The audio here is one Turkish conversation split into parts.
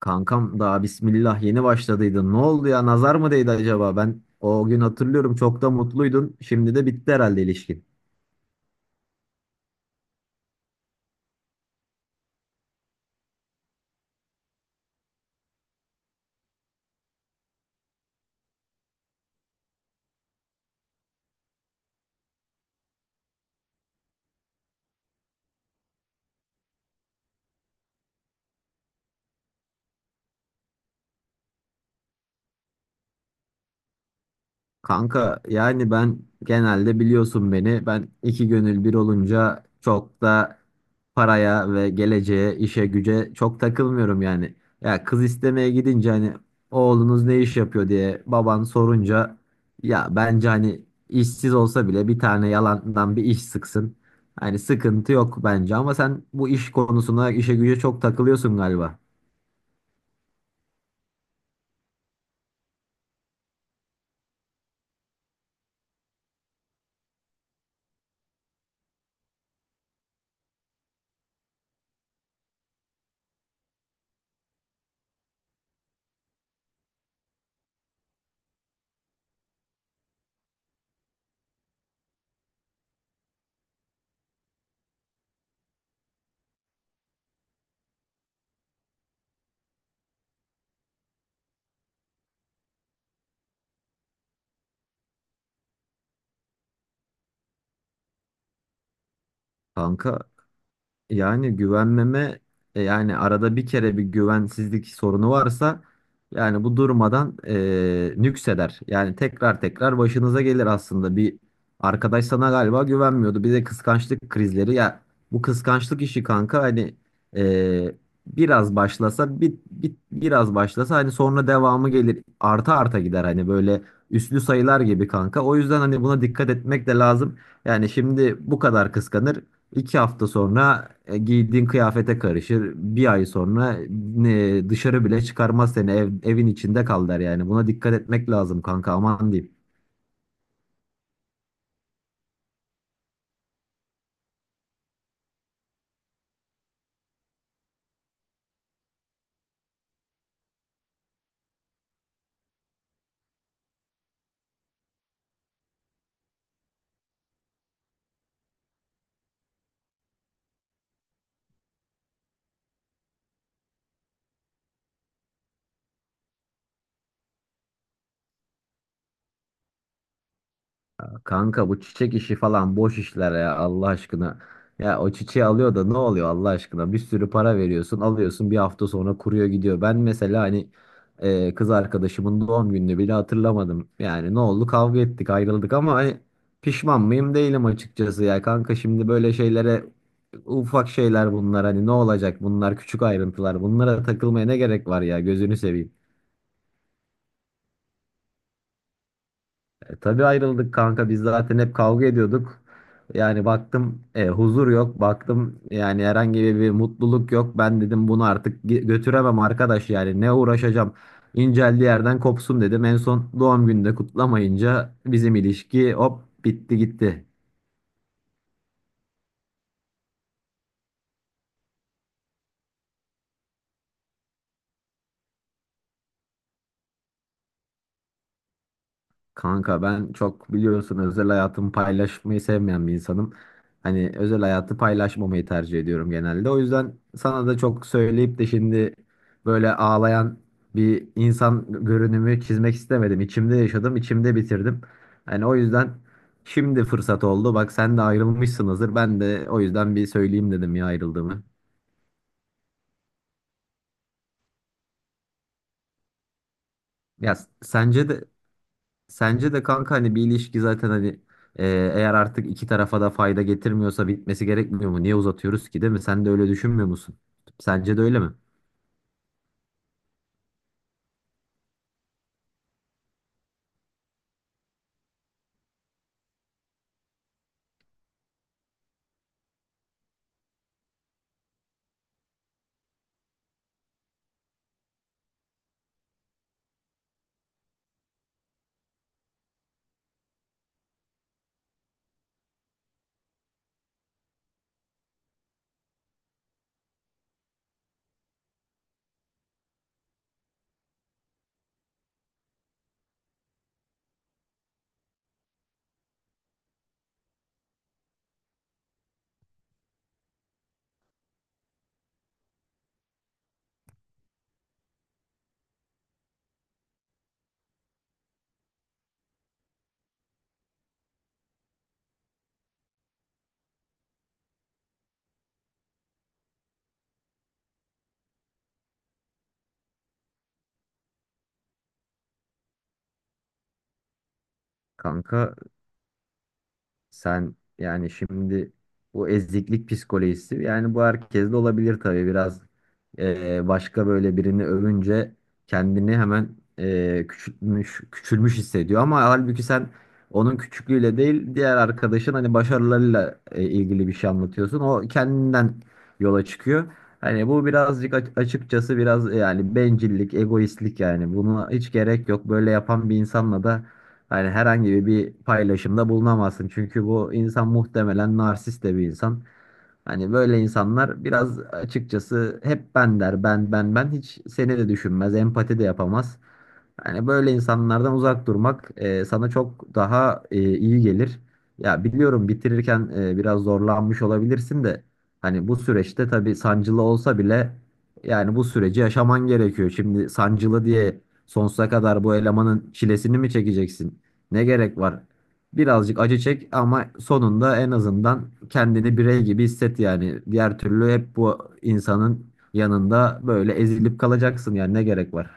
Kankam daha bismillah yeni başladıydı. Ne oldu ya? Nazar mı değdi acaba? Ben o gün hatırlıyorum, çok da mutluydun. Şimdi de bitti herhalde ilişkin. Kanka yani ben genelde biliyorsun beni, ben iki gönül bir olunca çok da paraya ve geleceğe, işe güce çok takılmıyorum yani. Ya kız istemeye gidince hani oğlunuz ne iş yapıyor diye baban sorunca, ya bence hani işsiz olsa bile bir tane yalandan bir iş sıksın. Hani sıkıntı yok bence, ama sen bu iş konusuna, işe güce çok takılıyorsun galiba. Kanka, yani güvenmeme, yani arada bir kere bir güvensizlik sorunu varsa, yani bu durmadan nükseder. Yani tekrar tekrar başınıza gelir aslında. Bir arkadaş sana galiba güvenmiyordu. Bir de kıskançlık krizleri. Ya bu kıskançlık işi kanka, hani e, biraz başlasa biraz başlasa, hani sonra devamı gelir. Arta arta gider hani, böyle üslü sayılar gibi kanka. O yüzden hani buna dikkat etmek de lazım. Yani şimdi bu kadar kıskanır. İki hafta sonra giydiğin kıyafete karışır. Bir ay sonra dışarı bile çıkarmaz seni. Evin içinde kal der yani. Buna dikkat etmek lazım kanka, aman diyeyim. Kanka bu çiçek işi falan boş işler ya, Allah aşkına. Ya o çiçeği alıyor da ne oluyor Allah aşkına? Bir sürü para veriyorsun, alıyorsun, bir hafta sonra kuruyor gidiyor. Ben mesela hani kız arkadaşımın doğum gününü bile hatırlamadım. Yani ne oldu? Kavga ettik, ayrıldık, ama hani pişman mıyım, değilim açıkçası ya kanka. Şimdi böyle şeylere, ufak şeyler bunlar, hani ne olacak, bunlar küçük ayrıntılar, bunlara takılmaya ne gerek var ya, gözünü seveyim. E, tabii ayrıldık kanka, biz zaten hep kavga ediyorduk. Yani baktım huzur yok. Baktım yani herhangi bir mutluluk yok. Ben dedim bunu artık götüremem arkadaş, yani ne uğraşacağım. İnceldiği yerden kopsun dedim. En son doğum günde kutlamayınca bizim ilişki hop bitti gitti. Kanka ben çok biliyorsun, özel hayatımı paylaşmayı sevmeyen bir insanım. Hani özel hayatı paylaşmamayı tercih ediyorum genelde. O yüzden sana da çok söyleyip de şimdi böyle ağlayan bir insan görünümü çizmek istemedim. İçimde yaşadım, içimde bitirdim. Hani o yüzden şimdi fırsat oldu. Bak sen de ayrılmışsınızdır. Ben de o yüzden bir söyleyeyim dedim ya, ayrıldığımı. Ya sence de, sence de kanka, hani bir ilişki zaten hani, e, eğer artık iki tarafa da fayda getirmiyorsa bitmesi gerekmiyor mu? Niye uzatıyoruz ki, değil mi? Sen de öyle düşünmüyor musun? Sence de öyle mi? Kanka sen yani şimdi, bu eziklik psikolojisi, yani bu herkeste olabilir tabii. Biraz başka böyle birini övünce kendini hemen küçültmüş, küçülmüş hissediyor, ama halbuki sen onun küçüklüğüyle değil, diğer arkadaşın hani başarılarıyla ilgili bir şey anlatıyorsun, o kendinden yola çıkıyor. Hani bu birazcık açıkçası biraz yani bencillik, egoistlik, yani buna hiç gerek yok. Böyle yapan bir insanla da yani herhangi bir paylaşımda bulunamazsın. Çünkü bu insan muhtemelen narsist de bir insan. Hani böyle insanlar biraz açıkçası hep ben der, ben, ben, ben, hiç seni de düşünmez, empati de yapamaz. Yani böyle insanlardan uzak durmak sana çok daha iyi gelir. Ya biliyorum bitirirken biraz zorlanmış olabilirsin de, hani bu süreçte tabii sancılı olsa bile, yani bu süreci yaşaman gerekiyor. Şimdi sancılı diye sonsuza kadar bu elemanın çilesini mi çekeceksin? Ne gerek var? Birazcık acı çek, ama sonunda en azından kendini birey gibi hisset yani. Diğer türlü hep bu insanın yanında böyle ezilip kalacaksın, yani ne gerek var?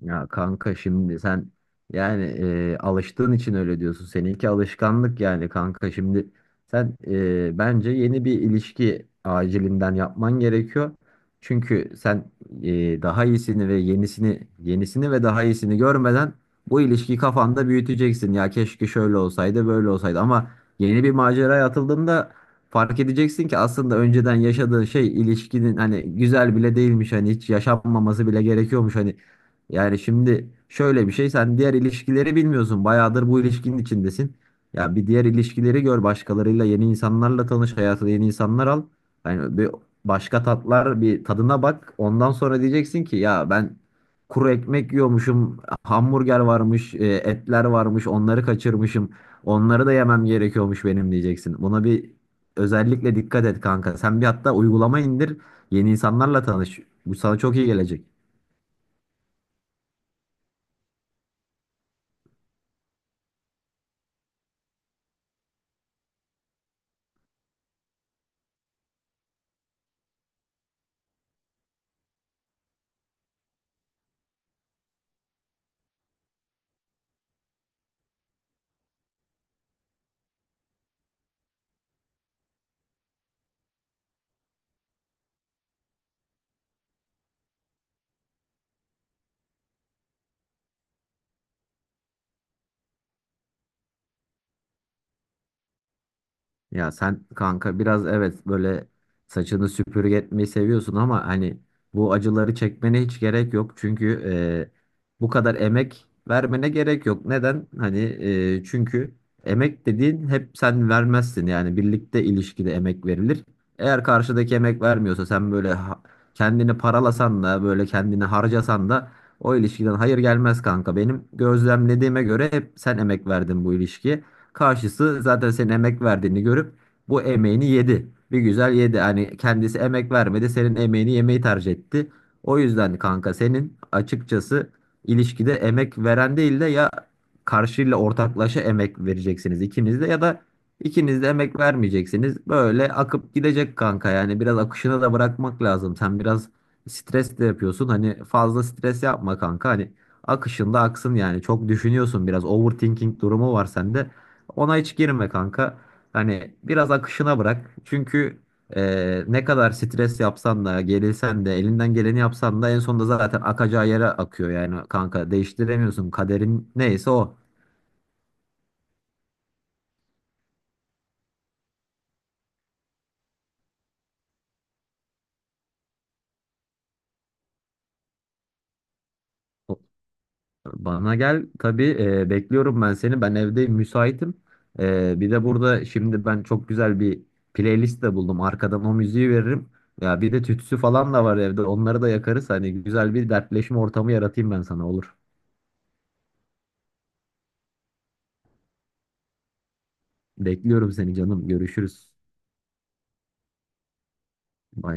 Ya kanka şimdi sen yani alıştığın için öyle diyorsun. Seninki alışkanlık, yani kanka şimdi sen bence yeni bir ilişki acilinden yapman gerekiyor. Çünkü sen daha iyisini ve yenisini, yenisini ve daha iyisini görmeden bu ilişkiyi kafanda büyüteceksin. Ya keşke şöyle olsaydı, böyle olsaydı, ama yeni bir maceraya atıldığında fark edeceksin ki aslında önceden yaşadığın şey ilişkinin, hani güzel bile değilmiş, hani hiç yaşanmaması bile gerekiyormuş. Hani yani şimdi şöyle bir şey, sen diğer ilişkileri bilmiyorsun. Bayağıdır bu ilişkinin içindesin. Ya bir diğer ilişkileri gör, başkalarıyla, yeni insanlarla tanış, hayatına yeni insanlar al. Yani bir başka tatlar, bir tadına bak. Ondan sonra diyeceksin ki ya ben kuru ekmek yiyormuşum. Hamburger varmış, etler varmış. Onları kaçırmışım. Onları da yemem gerekiyormuş benim diyeceksin. Buna bir özellikle dikkat et kanka. Sen bir hatta uygulama indir. Yeni insanlarla tanış. Bu sana çok iyi gelecek. Ya sen kanka biraz evet böyle saçını süpürge etmeyi seviyorsun, ama hani bu acıları çekmene hiç gerek yok. Çünkü bu kadar emek vermene gerek yok. Neden? Hani çünkü emek dediğin hep sen vermezsin. Yani birlikte, ilişkide emek verilir. Eğer karşıdaki emek vermiyorsa, sen böyle kendini paralasan da, böyle kendini harcasan da o ilişkiden hayır gelmez kanka. Benim gözlemlediğime göre hep sen emek verdin bu ilişkiye. Karşısı zaten senin emek verdiğini görüp bu emeğini yedi. Bir güzel yedi. Hani kendisi emek vermedi. Senin emeğini yemeyi tercih etti. O yüzden kanka senin açıkçası ilişkide emek veren değil de, ya karşıyla ortaklaşa emek vereceksiniz ikiniz de, ya da ikiniz de emek vermeyeceksiniz. Böyle akıp gidecek kanka, yani biraz akışına da bırakmak lazım. Sen biraz stres de yapıyorsun. Hani fazla stres yapma kanka. Hani akışında aksın yani. Çok düşünüyorsun biraz. Overthinking durumu var sende. Ona hiç girme kanka. Hani biraz akışına bırak. Çünkü ne kadar stres yapsan da, gerilsen de, elinden geleni yapsan da en sonunda zaten akacağı yere akıyor yani kanka. Değiştiremiyorsun. Kaderin neyse o. O- Bana gel tabii, bekliyorum ben seni. Ben evdeyim, müsaitim. E, bir de burada şimdi ben çok güzel bir playlist de buldum. Arkadan o müziği veririm. Ya bir de tütsü falan da var evde. Onları da yakarız. Hani güzel bir dertleşme ortamı yaratayım ben sana, olur. Bekliyorum seni canım. Görüşürüz. Bay.